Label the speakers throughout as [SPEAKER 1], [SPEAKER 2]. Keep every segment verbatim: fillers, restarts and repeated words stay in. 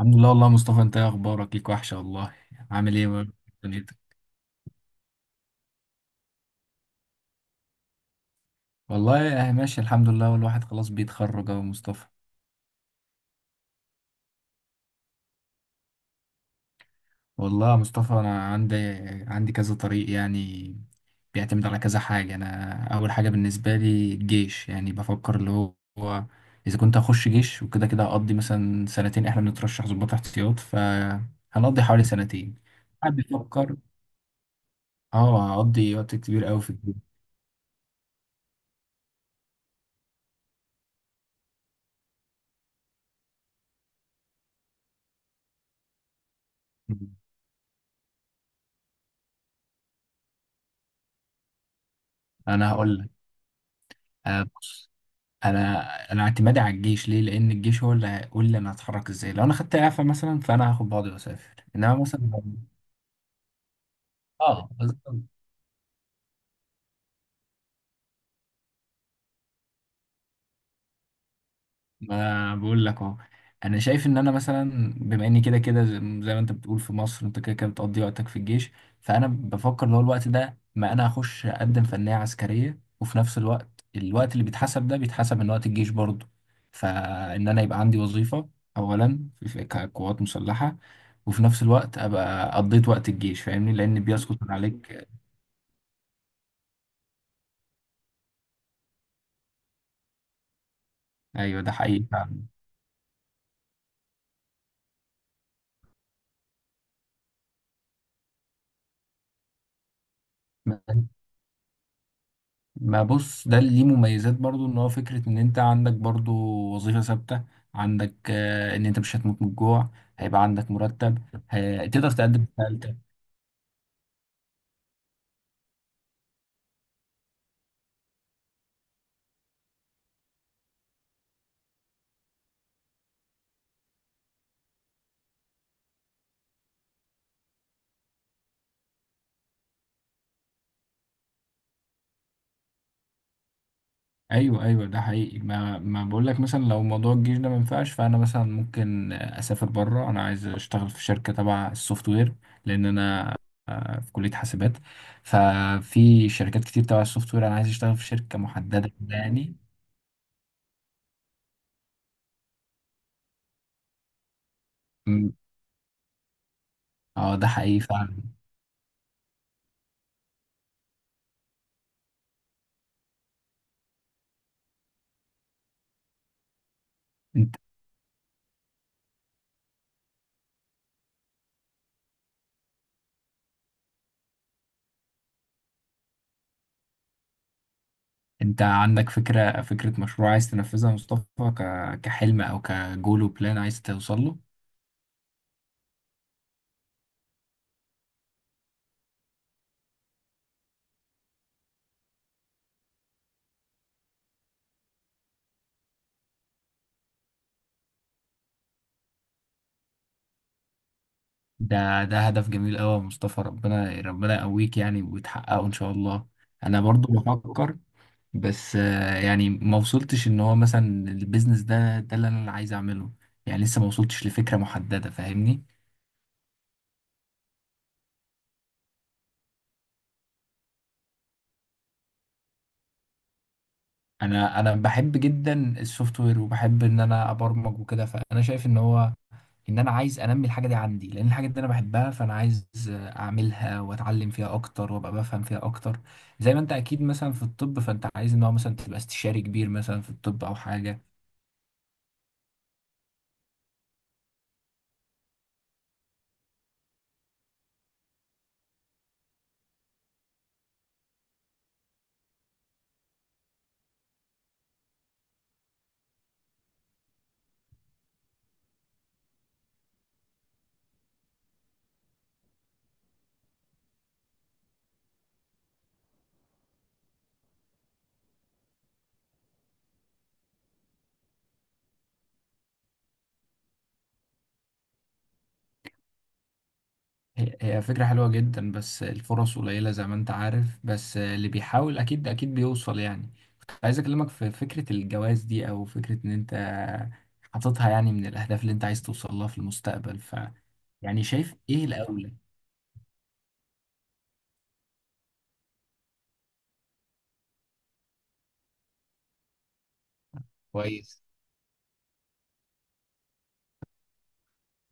[SPEAKER 1] الحمد لله والله يا مصطفى، انت ايه اخبارك؟ ليك وحشه والله. عامل ايه بقى دنيتك؟ والله اهي ماشي الحمد لله، والواحد خلاص بيتخرج اهو يا مصطفى. والله يا مصطفى انا عندي عندي كذا طريق، يعني بيعتمد على كذا حاجه. انا اول حاجه بالنسبه لي الجيش، يعني بفكر اللي هو هو اذا كنت هخش جيش، وكده كده هقضي مثلا سنتين، احنا بنترشح ضباط احتياط فهنقضي حوالي سنتين. قاعد بيفكر. اه هقضي وقت كبير قوي في الجيش. انا هقول لك، انا انا اعتمادي على الجيش ليه، لان الجيش هو اللي هيقول لي انا هتحرك ازاي. لو انا خدت اعفاء مثلا فانا هاخد بعضي واسافر، انما مثلا لو- اه بالظبط. ما بقول لك اهو. انا شايف ان انا مثلا، بما اني كده كده زي زي ما انت بتقول، في مصر انت كده كده بتقضي وقتك في الجيش، فانا بفكر اللي هو الوقت ده، ما انا اخش اقدم فنية عسكرية، وفي نفس الوقت الوقت اللي بيتحسب ده بيتحسب من وقت الجيش برضه، فان انا يبقى عندي وظيفة اولا في في كقوات مسلحة، وفي نفس الوقت ابقى قضيت وقت الجيش، فاهمني؟ لان بيسقط من عليك. ايوه ده حقيقي فعلا. ما بص، ده اللي ليه مميزات برضو، ان هو فكرة ان انت عندك برضو وظيفة ثابتة، عندك آه، ان انت مش هتموت من الجوع، هيبقى عندك مرتب، ه- تقدر تقدم استقالتك. ايوه ايوه ده حقيقي. ما ما بقول لك، مثلا لو موضوع الجيش ده ما ينفعش، فانا مثلا ممكن آه، اسافر بره، انا عايز اشتغل في شركة تبع السوفت وير، لان انا آه، في كلية حاسبات، ففي شركات كتير تبع السوفت وير، انا عايز اشتغل في شركة محددة كده يعني. م، اه ده حقيقي فعلا. انت عندك فكرة فكرة مشروع عايز تنفذها يا مصطفى؟ ك- كحلم او كجول وبلان عايز توصل له؟ ده ده هدف جميل قوي يا مصطفى، ربنا ربنا يقويك يعني وتحققه ان شاء الله. انا برضو بفكر، بس آه، يعني ما وصلتش، ان هو مثلا البيزنس ده ده اللي انا عايز اعمله، يعني لسه ما وصلتش لفكرة محددة فاهمني. انا انا بحب جدا السوفت وير، وبحب ان انا ابرمج وكده، فانا شايف ان هو ان انا عايز انمي الحاجه دي عندي، لان الحاجه دي انا بحبها، فانا عايز اعملها واتعلم فيها اكتر وابقى بفهم فيها اكتر. زي ما انت اكيد مثلا في الطب، فانت عايز ان هو مثلا تبقى استشاري كبير مثلا في الطب او حاجه. هي هي فكره حلوه جدا، بس الفرص قليله زي ما انت عارف، بس اللي بيحاول اكيد اكيد بيوصل يعني. عايز اكلمك في فكره الجواز دي، او فكره ان انت حاططها يعني من الاهداف اللي انت عايز توصل لها في المستقبل، ف يعني شايف ايه الاولى؟ كويس.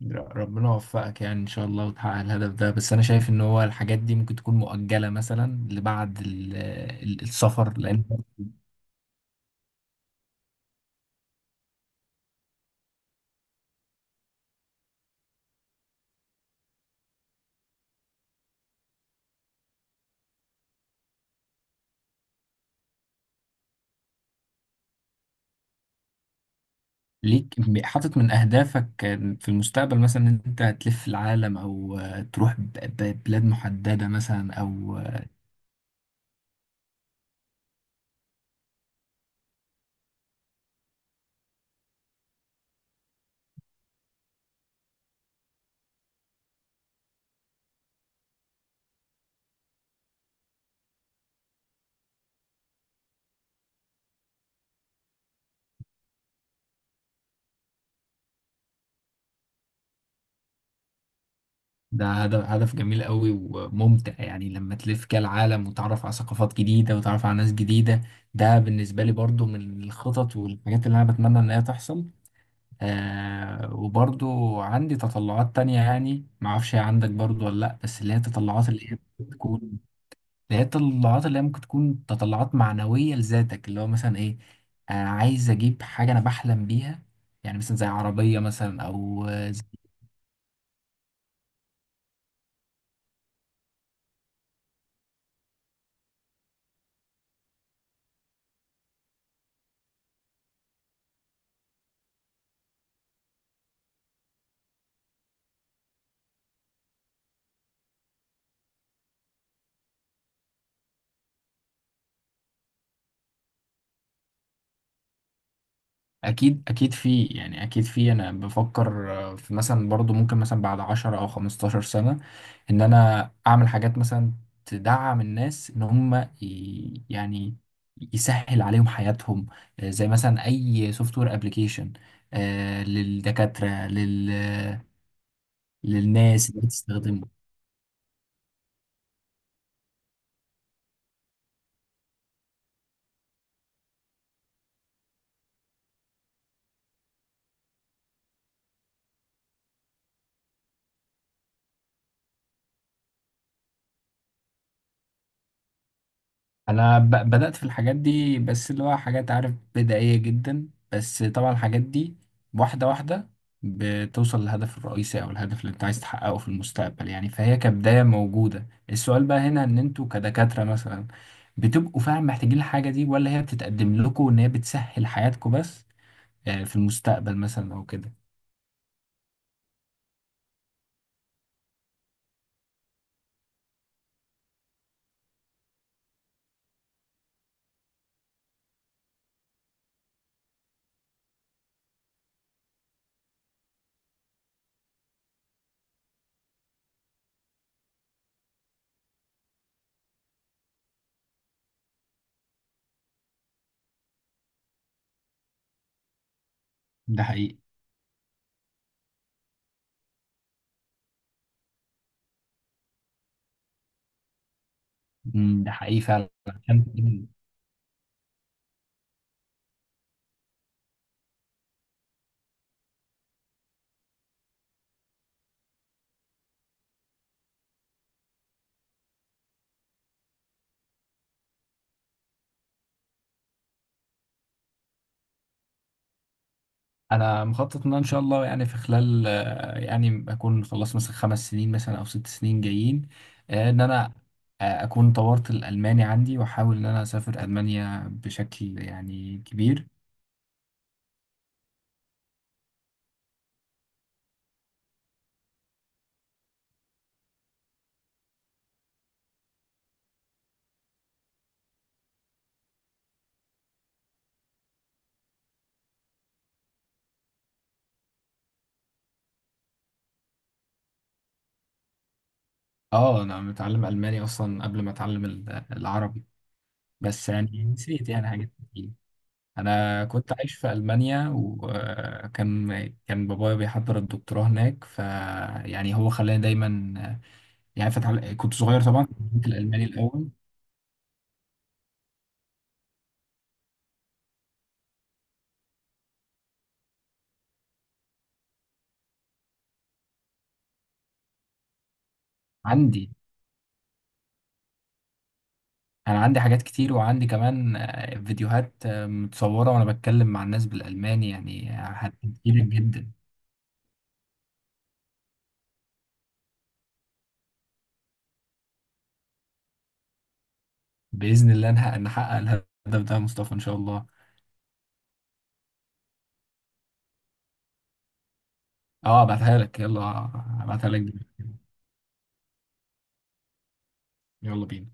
[SPEAKER 1] ر- ربنا يوفقك يعني ان شاء الله، وتحقق الهدف ده. بس انا شايف ان هو الحاجات دي ممكن تكون مؤجلة مثلا لبعد ال- ال- السفر، لان ليك م- حاطط من اهدافك في المستقبل مثلا ان انت هتلف العالم، او تروح ب- ب- بلاد محددة مثلا او. ده هدف هدف جميل قوي وممتع، يعني لما تلف كده العالم وتعرف على ثقافات جديدة وتعرف على ناس جديدة. ده بالنسبة لي برضو من الخطط والحاجات اللي انا بتمنى ان هي تحصل. آه وبرضو عندي تطلعات تانية، يعني معرفش هي عندك برضو ولا لأ، بس اللي هي التطلعات اللي هي ممكن تكون اللي هي التطلعات اللي هي ممكن تكون تطلعات معنوية لذاتك، اللي هو مثلا إيه، آه عايز أجيب حاجة أنا بحلم بيها، يعني مثلا زي عربية مثلا أو. اكيد اكيد في، يعني اكيد في، انا بفكر آه، في مثلا برضو ممكن مثلا بعد عشرة او 15 سنة ان انا اعمل حاجات مثلا تدعم الناس ان هم ي- يعني يسهل عليهم حياتهم، آه، زي مثلا اي سوفت وير ابلكيشن للدكاترة، لل للناس اللي بتستخدمه. انا ب- بدأت في الحاجات دي، بس اللي هو حاجات عارف بدائية جدا، بس طبعا الحاجات دي واحدة واحدة بتوصل للهدف الرئيسي او الهدف اللي انت عايز تحققه في المستقبل يعني، فهي كبداية موجودة. السؤال بقى هنا ان انتوا كدكاترة مثلا، بتبقوا فعلا محتاجين الحاجة دي، ولا هي بتتقدم لكم ان هي بتسهل حياتكم بس آه، في المستقبل مثلا او كده؟ ده حقيقي. مم، ده حقيقي فعلا. انا مخطط ان أنا ان شاء الله، يعني في خلال آه، يعني اكون خلصت مثلا خمس سنين مثلا او ست سنين جايين، آه، ان انا آه، اكون طورت الالماني عندي، واحاول ان انا اسافر المانيا بشكل يعني كبير. اه انا متعلم الماني اصلا قبل ما اتعلم ال- العربي. بس يعني نسيت يعني حاجات كتير. انا كنت عايش في المانيا، وكان كان بابايا بيحضر الدكتوراه هناك، فيعني هو خلاني دايما يعني فتح، كنت صغير طبعا، كنت الالماني الاول عندي. انا عندي حاجات كتير، وعندي كمان آه، فيديوهات آه، متصوره وانا بتكلم مع الناس بالالماني، يعني هتفيدك جدا. باذن الله نحقق نحقق الهدف ده يا مصطفى ان شاء الله. اه ابعتها لك. يلا آه، ابعتها لك دلوقتي. يلا بينا.